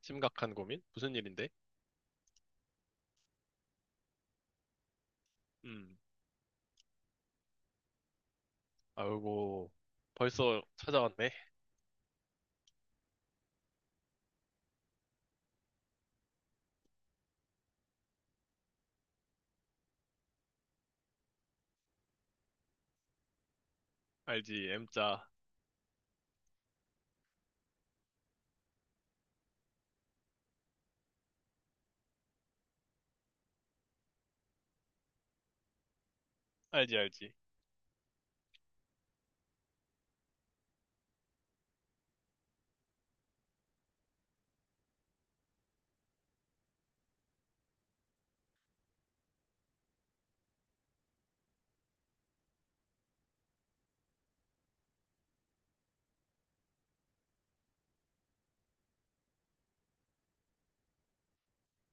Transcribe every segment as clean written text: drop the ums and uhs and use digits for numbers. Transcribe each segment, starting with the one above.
심각한 고민? 무슨 일인데? 음, 아이고, 벌써 찾아왔네. 알지, M자. 알지, 알지.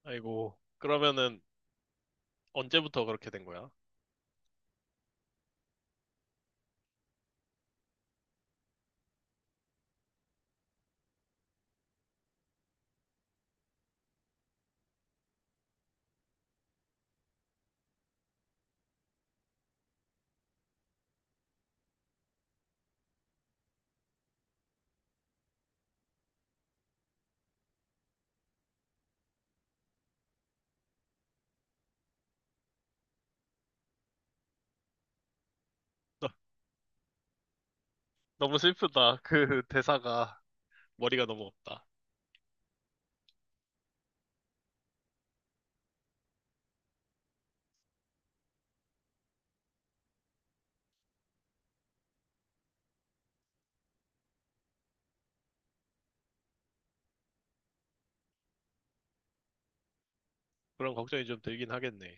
아이고, 그러면은 언제부터 그렇게 된 거야? 너, 너무 슬프다. 그 대사가 머리가 너무 없다. 그런 걱정이 좀 들긴 하겠네.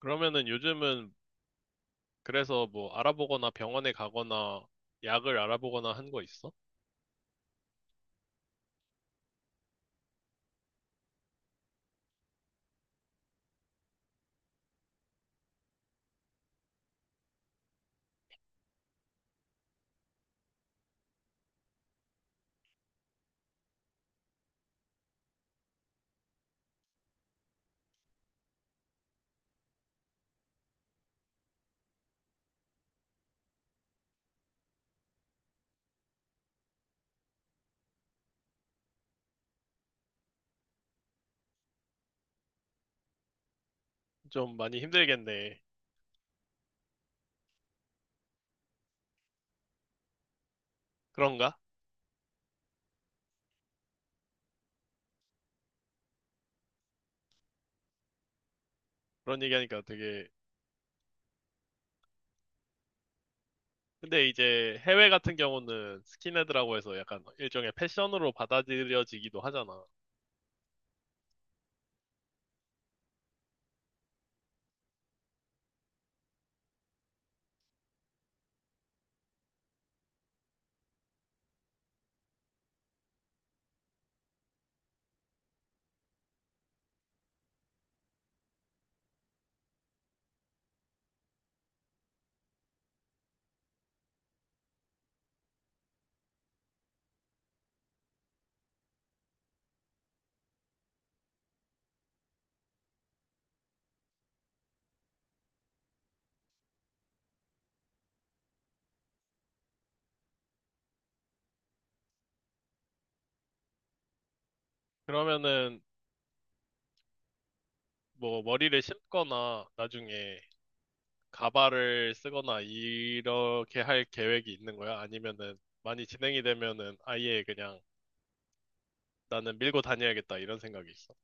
그러면은 요즘은 그래서 뭐 알아보거나 병원에 가거나 약을 알아보거나 한 거 있어? 좀 많이 힘들겠네. 그런가? 그런 얘기하니까 되게 근데 이제 해외 같은 경우는 스킨헤드라고 해서 약간 일종의 패션으로 받아들여지기도 하잖아. 그러면은 뭐 머리를 심거나 나중에 가발을 쓰거나 이렇게 할 계획이 있는 거야? 아니면은 많이 진행이 되면은 아예 그냥 나는 밀고 다녀야겠다 이런 생각이 있어.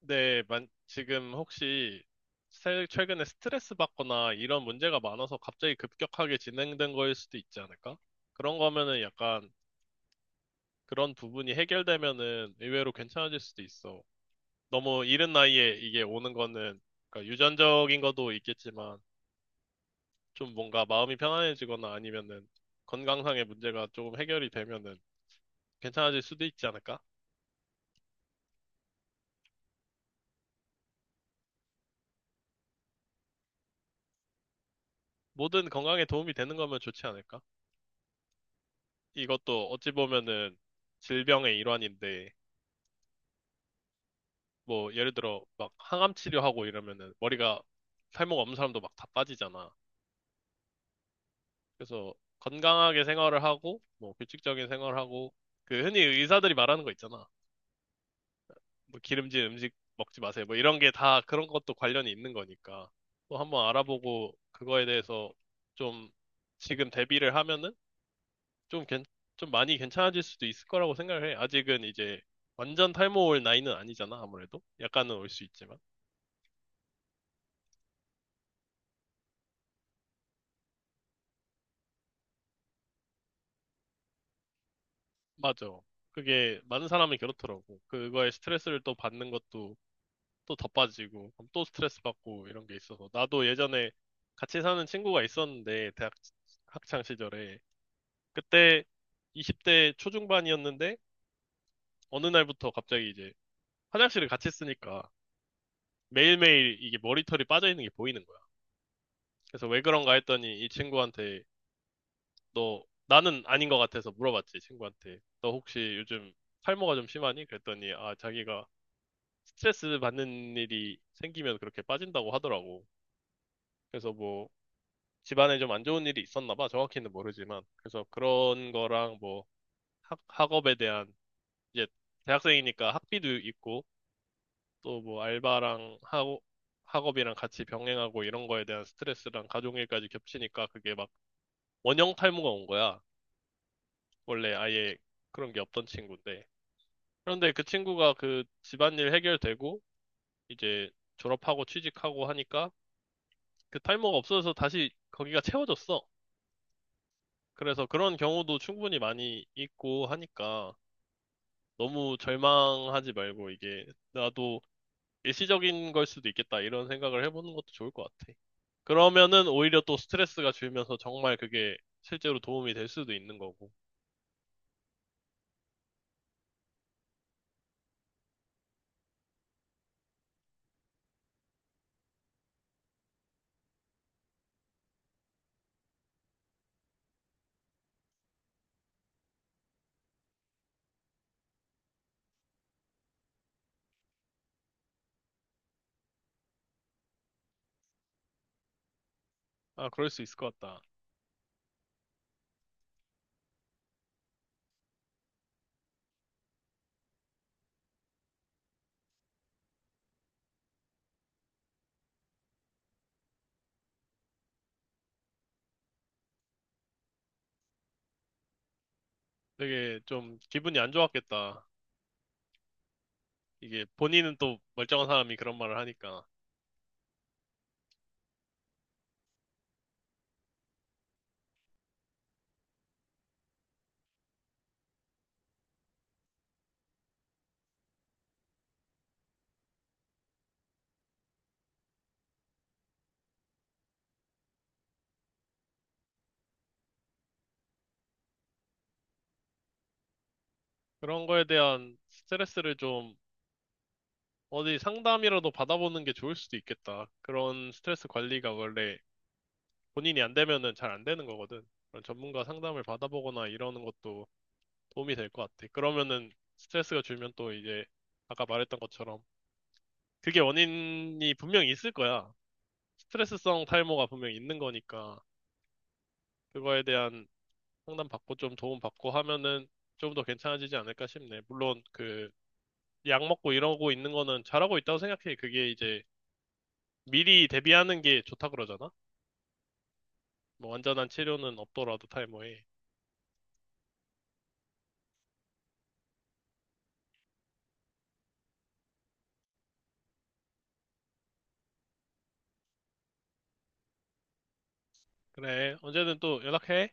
근데 지금 혹시 최근에 스트레스 받거나 이런 문제가 많아서 갑자기 급격하게 진행된 거일 수도 있지 않을까? 그런 거면은 약간 그런 부분이 해결되면은 의외로 괜찮아질 수도 있어. 너무 이른 나이에 이게 오는 거는 그러니까 유전적인 것도 있겠지만 좀 뭔가 마음이 편안해지거나 아니면은 건강상의 문제가 조금 해결이 되면은 괜찮아질 수도 있지 않을까? 모든 건강에 도움이 되는 거면 좋지 않을까? 이것도 어찌 보면은 질병의 일환인데 뭐 예를 들어 막 항암 치료하고 이러면은 머리가 살모가 없는 사람도 막 다 빠지잖아. 그래서 건강하게 생활을 하고, 뭐 규칙적인 생활하고, 그 흔히 의사들이 말하는 거 있잖아. 뭐 기름진 음식 먹지 마세요. 뭐 이런 게 다 그런 것도 관련이 있는 거니까. 또 한번 알아보고 그거에 대해서 좀 지금 대비를 하면은 좀 괜, 좀 많이 괜찮아질 수도 있을 거라고 생각을 해. 아직은 이제 완전 탈모 올 나이는 아니잖아, 아무래도. 약간은 올 수 있지만. 맞아. 그게 많은 사람이 그렇더라고. 그거에 스트레스를 또 받는 것도 또 더 빠지고, 그럼 또 스트레스 받고 이런 게 있어서. 나도 예전에 같이 사는 친구가 있었는데, 대학 학창 시절에. 그때 20대 초중반이었는데, 어느 날부터 갑자기 이제 화장실을 같이 쓰니까 매일매일 이게 머리털이 빠져 있는 게 보이는 거야. 그래서 왜 그런가 했더니 이 친구한테 너, 나는 아닌 것 같아서 물어봤지, 친구한테. 너 혹시 요즘 탈모가 좀 심하니? 그랬더니 아, 자기가 스트레스 받는 일이 생기면 그렇게 빠진다고 하더라고. 그래서 뭐 집안에 좀 안 좋은 일이 있었나 봐. 정확히는 모르지만. 그래서 그런 거랑 뭐 학업에 대한 이제 대학생이니까 학비도 있고 또 뭐 알바랑 하고 학업이랑 같이 병행하고 이런 거에 대한 스트레스랑 가족일까지 겹치니까 그게 막 원형 탈모가 온 거야. 원래 아예 그런 게 없던 친구인데. 그런데 그 친구가 그 집안일 해결되고 이제 졸업하고 취직하고 하니까 그 탈모가 없어져서 다시 거기가 채워졌어. 그래서 그런 경우도 충분히 많이 있고 하니까 너무 절망하지 말고 이게 나도 일시적인 걸 수도 있겠다 이런 생각을 해보는 것도 좋을 것 같아. 그러면은 오히려 또 스트레스가 줄면서 정말 그게 실제로 도움이 될 수도 있는 거고. 아, 그럴 수 있을 것 같다. 되게 좀 기분이 안 좋았겠다. 이게 본인은 또 멀쩡한 사람이 그런 말을 하니까. 그런 거에 대한 스트레스를 좀 어디 상담이라도 받아보는 게 좋을 수도 있겠다. 그런 스트레스 관리가 원래 본인이 안 되면은 잘 안 되는 거거든. 그런 전문가 상담을 받아보거나 이러는 것도 도움이 될 것 같아. 그러면은 스트레스가 줄면 또 이제 아까 말했던 것처럼 그게 원인이 분명히 있을 거야. 스트레스성 탈모가 분명히 있는 거니까 그거에 대한 상담 받고 좀 도움 받고 하면은 좀 더 괜찮아지지 않을까 싶네. 물론 그 약 먹고 이러고 있는 거는 잘하고 있다고 생각해. 그게 이제 미리 대비하는 게 좋다 그러잖아. 뭐 완전한 치료는 없더라도 탈모에. 그래, 언제든 또 연락해.